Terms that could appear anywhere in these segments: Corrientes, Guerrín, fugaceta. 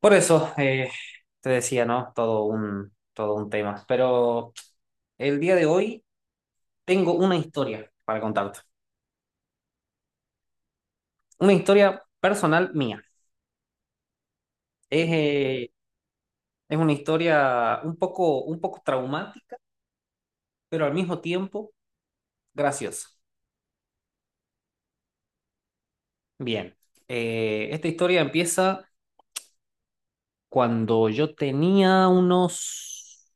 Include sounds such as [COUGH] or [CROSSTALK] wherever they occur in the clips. Por eso te decía, ¿no? Todo un tema. Pero el día de hoy tengo una historia para contarte. Una historia personal mía. Es, eh, es una historia un poco traumática, pero al mismo tiempo graciosa. Bien, esta historia empieza cuando yo tenía unos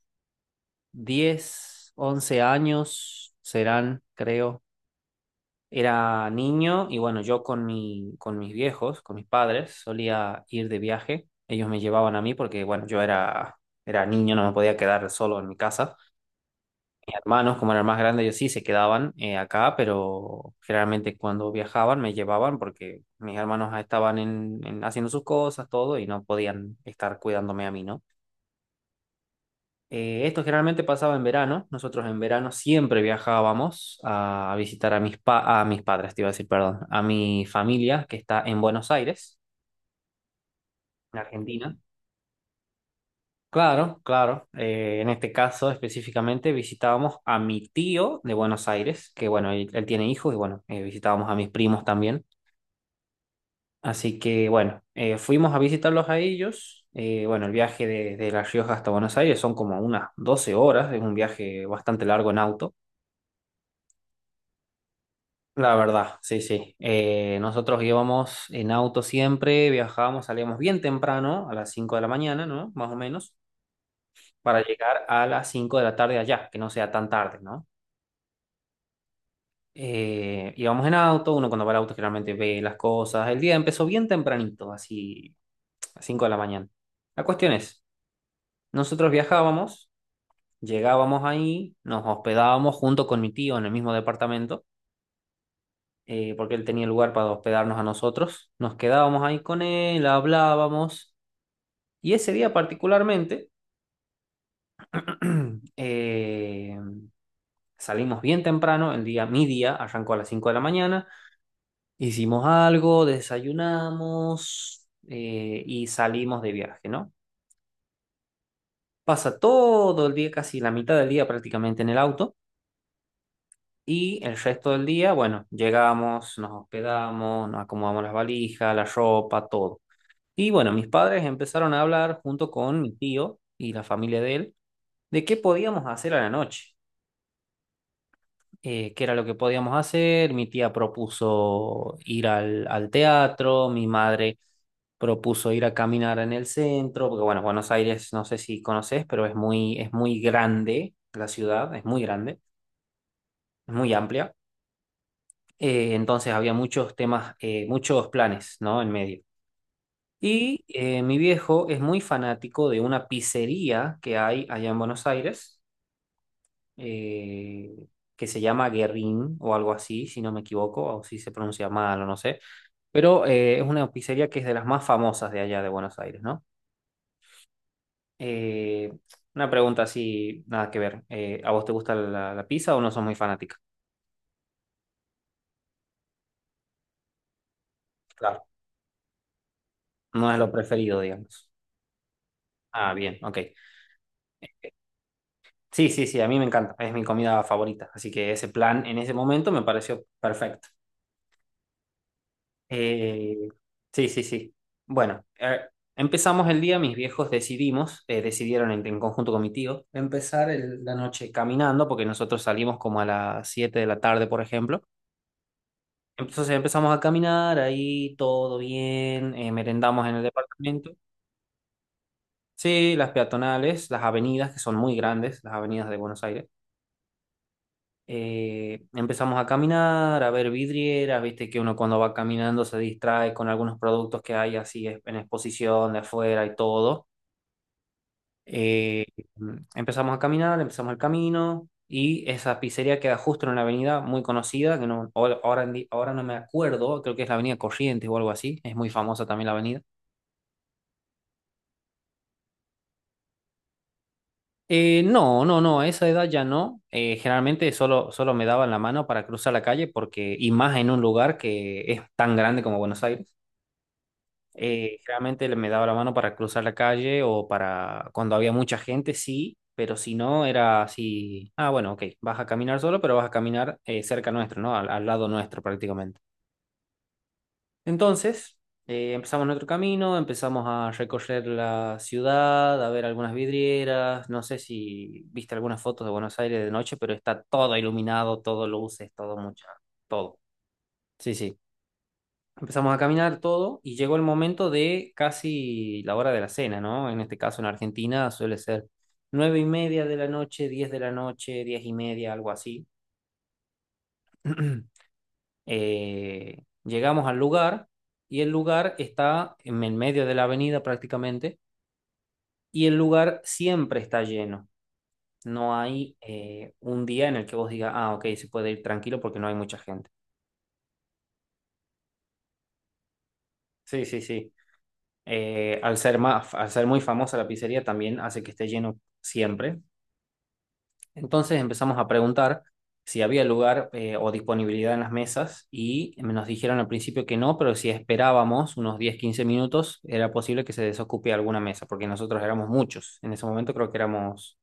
10 u 11 años, serán, creo. Era niño y bueno, yo con mis viejos, con mis padres, solía ir de viaje. Ellos me llevaban a mí porque, bueno, yo era niño, no me podía quedar solo en mi casa. Mis hermanos, como eran más grandes, ellos sí se quedaban acá, pero generalmente cuando viajaban me llevaban porque mis hermanos estaban haciendo sus cosas, todo, y no podían estar cuidándome a mí, ¿no? Esto generalmente pasaba en verano. Nosotros en verano siempre viajábamos a visitar a mis padres, te iba a decir, perdón, a mi familia que está en Buenos Aires, en Argentina. Claro, claro. En este caso específicamente visitábamos a mi tío de Buenos Aires, que bueno, él tiene hijos y bueno, visitábamos a mis primos también. Así que bueno, fuimos a visitarlos a ellos. Bueno, el viaje de La Rioja hasta Buenos Aires son como unas 12 horas, es un viaje bastante largo en auto. La verdad, sí, sí. Nosotros íbamos en auto siempre, viajábamos, salíamos bien temprano, a las 5 de la mañana, ¿no? Más o menos, para llegar a las 5 de la tarde allá, que no sea tan tarde, ¿no? Íbamos en auto, uno cuando va al auto generalmente ve las cosas. El día empezó bien tempranito, así, a 5 de la mañana. La cuestión es, nosotros viajábamos, llegábamos ahí, nos hospedábamos junto con mi tío en el mismo departamento, porque él tenía lugar para hospedarnos a nosotros. Nos quedábamos ahí con él, hablábamos. Y ese día particularmente [CLEARS THROAT] eh, salimos bien temprano, el día, mi día arrancó a las 5 de la mañana, hicimos algo, desayunamos y salimos de viaje, ¿no? Pasa todo el día, casi la mitad del día prácticamente en el auto. Y el resto del día, bueno, llegamos, nos hospedamos, nos acomodamos las valijas, la ropa, todo. Y bueno, mis padres empezaron a hablar junto con mi tío y la familia de él de qué podíamos hacer a la noche, qué era lo que podíamos hacer. Mi tía propuso ir al teatro, mi madre propuso ir a caminar en el centro, porque bueno, Buenos Aires no sé si conoces, pero es muy grande la ciudad, es muy grande, es muy amplia. Entonces había muchos temas, muchos planes, ¿no? En medio. Y mi viejo es muy fanático de una pizzería que hay allá en Buenos Aires, eh, que se llama Guerrín o algo así, si no me equivoco, o si se pronuncia mal o no sé. Pero es una pizzería que es de las más famosas de allá de Buenos Aires, ¿no? Eh, una pregunta así, nada que ver. ¿A vos te gusta la pizza o no sos muy fanática? Claro. No es lo preferido, digamos. Ah, bien, ok. Sí, sí, sí, a mí me encanta, es mi comida favorita, así que ese plan en ese momento me pareció perfecto. Eh, sí, sí, sí. Bueno, empezamos el día, mis viejos decidimos, decidieron en conjunto con mi tío, empezar la noche caminando, porque nosotros salimos como a las 7 de la tarde, por ejemplo. Entonces empezamos a caminar, ahí todo bien, merendamos en el departamento. Sí, las peatonales, las avenidas, que son muy grandes, las avenidas de Buenos Aires. Empezamos a caminar, a ver vidrieras, viste que uno cuando va caminando se distrae con algunos productos que hay así en exposición de afuera y todo. Eh, empezamos a caminar, empezamos el camino y esa pizzería queda justo en una avenida muy conocida, que no, ahora no me acuerdo, creo que es la avenida Corrientes o algo así, es muy famosa también la avenida. No, no, no, a esa edad ya no. Generalmente solo me daban la mano para cruzar la calle porque, y más en un lugar que es tan grande como Buenos Aires. Generalmente me daba la mano para cruzar la calle o para cuando había mucha gente, sí, pero si no, era así, ah, bueno, ok, vas a caminar solo, pero vas a caminar cerca nuestro, ¿no? Al lado nuestro prácticamente. Entonces, empezamos nuestro camino, empezamos a recorrer la ciudad, a ver algunas vidrieras, no sé si viste algunas fotos de Buenos Aires de noche, pero está todo iluminado, todo luces, todo mucha, todo. Sí, sí. Empezamos a caminar todo y llegó el momento de casi la hora de la cena, ¿no? En este caso en Argentina suele ser 9:30 de la noche, 10 de la noche, 10:30, algo así. [CLEARS THROAT] Llegamos al lugar y el lugar está en el medio de la avenida prácticamente y el lugar siempre está lleno. No hay un día en el que vos digas, ah, ok, se puede ir tranquilo porque no hay mucha gente. Sí, sí, sí. Al ser muy famosa la pizzería también hace que esté lleno siempre. Entonces empezamos a preguntar si había lugar o disponibilidad en las mesas y nos dijeron al principio que no, pero si esperábamos unos 10-15 minutos era posible que se desocupe alguna mesa, porque nosotros éramos muchos. En ese momento creo que éramos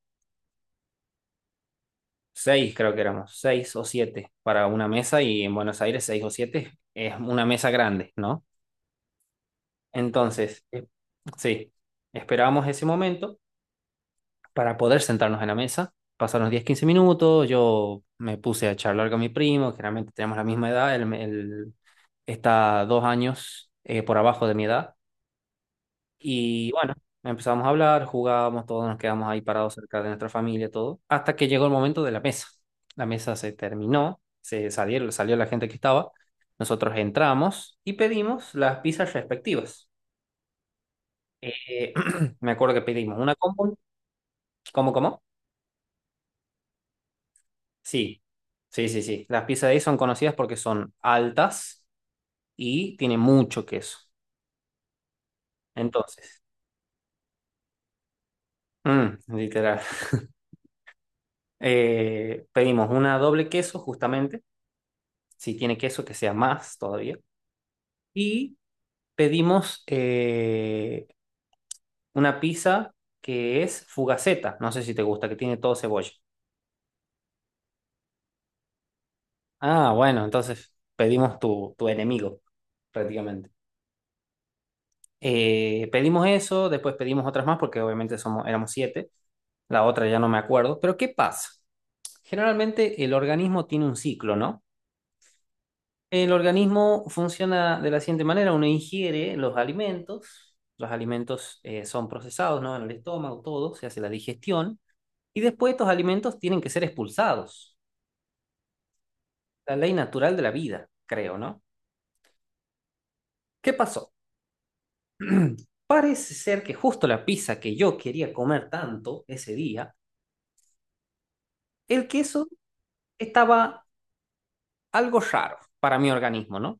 seis, creo que éramos seis o siete para una mesa y en Buenos Aires seis o siete es una mesa grande, ¿no? Entonces, sí, esperábamos ese momento para poder sentarnos en la mesa. Pasaron 10-15 minutos, yo me puse a charlar con mi primo, generalmente tenemos la misma edad, él está 2 años por abajo de mi edad. Y bueno, empezamos a hablar, jugábamos todos, nos quedamos ahí parados cerca de nuestra familia, todo, hasta que llegó el momento de la mesa. La mesa se terminó, se salieron, salió la gente que estaba, nosotros entramos y pedimos las pizzas respectivas. Eh, [CLEARS THROAT] me acuerdo que pedimos una combo, ¿cómo, cómo? Sí, sí, sí, sí. Las pizzas de ahí son conocidas porque son altas y tienen mucho queso. Entonces, mm, literal. [LAUGHS] Pedimos una doble queso, justamente. Si tiene queso, que sea más todavía. Y pedimos una pizza que es fugaceta. No sé si te gusta, que tiene todo cebolla. Ah, bueno, entonces pedimos tu enemigo, prácticamente. Pedimos eso, después pedimos otras más porque obviamente somos, éramos siete. La otra ya no me acuerdo, pero ¿qué pasa? Generalmente el organismo tiene un ciclo, ¿no? El organismo funciona de la siguiente manera, uno ingiere los alimentos, son procesados, ¿no? En el estómago, todo, se hace la digestión, y después estos alimentos tienen que ser expulsados, la ley natural de la vida, creo, ¿no? ¿Qué pasó? [CLEARS THROAT] Parece ser que justo la pizza que yo quería comer tanto ese día, el queso estaba algo raro para mi organismo, ¿no?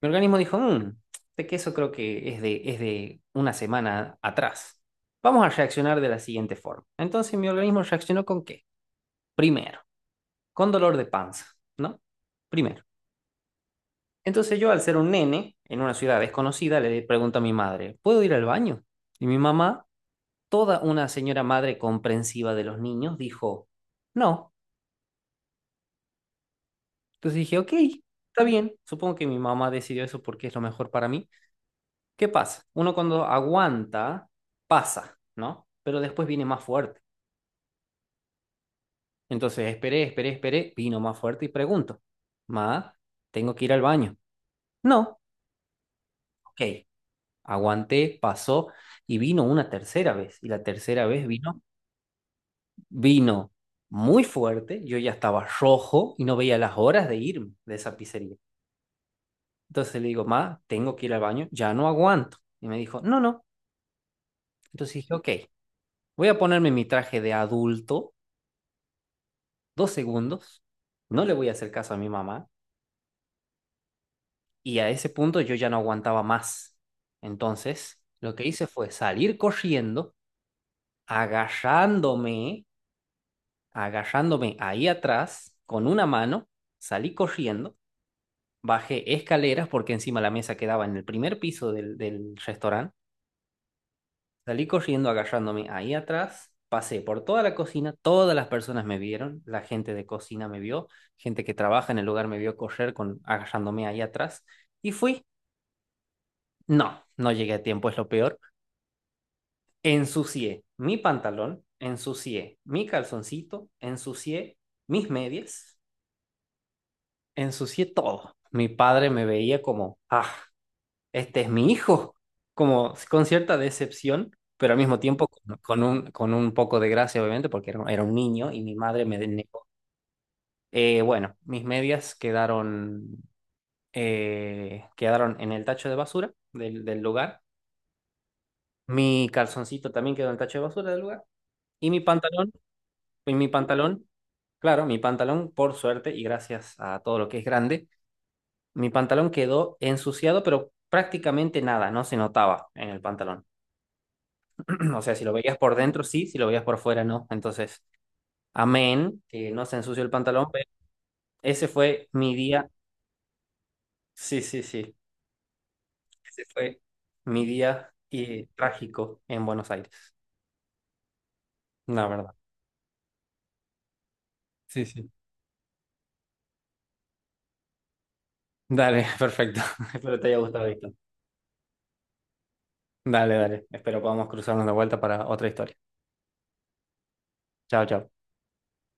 Mi organismo dijo, mmm, este queso creo que es de una semana atrás. Vamos a reaccionar de la siguiente forma. Entonces mi organismo reaccionó, ¿con qué? Primero, con dolor de panza, ¿no? Primero. Entonces yo, al ser un nene en una ciudad desconocida, le pregunto a mi madre, ¿puedo ir al baño? Y mi mamá, toda una señora madre comprensiva de los niños, dijo, no. Entonces dije, ok, está bien. Supongo que mi mamá decidió eso porque es lo mejor para mí. ¿Qué pasa? Uno cuando aguanta, pasa, ¿no? Pero después viene más fuerte. Entonces esperé, esperé, esperé, vino más fuerte y pregunto, Ma, ¿tengo que ir al baño? No, ok. Aguanté, pasó y vino una tercera vez. Y la tercera vez vino muy fuerte, yo ya estaba rojo y no veía las horas de irme de esa pizzería. Entonces le digo, Ma, tengo que ir al baño, ya no aguanto. Y me dijo, no, no. Entonces dije, ok, voy a ponerme mi traje de adulto 2 segundos, no le voy a hacer caso a mi mamá, y a ese punto yo ya no aguantaba más. Entonces, lo que hice fue salir corriendo, agarrándome, agarrándome ahí atrás con una mano, salí corriendo, bajé escaleras porque encima la mesa quedaba en el primer piso del restaurante. Salí corriendo agarrándome ahí atrás, pasé por toda la cocina, todas las personas me vieron, la gente de cocina me vio, gente que trabaja en el lugar me vio correr con agarrándome ahí atrás y fui. No, no llegué a tiempo, es lo peor. Ensucié mi pantalón, ensucié mi calzoncito, ensucié mis medias, ensucié todo. Mi padre me veía como, ah, este es mi hijo, como con cierta decepción, pero al mismo tiempo con, con un poco de gracia, obviamente, porque era un niño y mi madre me denegó. Bueno, mis medias quedaron en el tacho de basura del lugar. Mi calzoncito también quedó en el tacho de basura del lugar. Y mi pantalón, y mi pantalón, claro, mi pantalón, por suerte y gracias a todo lo que es grande, mi pantalón quedó ensuciado, pero prácticamente nada, no se notaba en el pantalón. [CLEARS THROAT] O sea, si lo veías por dentro, sí, si lo veías por fuera, no. Entonces, amén, que no se ensució el pantalón, pero ese fue mi día, sí, sí, sí, ese fue mi día trágico en Buenos Aires, la verdad. Sí, sí. Dale, [LAUGHS] perfecto. [LAUGHS] Espero te haya gustado, Víctor. Dale, dale. Espero podamos cruzarnos de vuelta para otra historia. Chao, chao.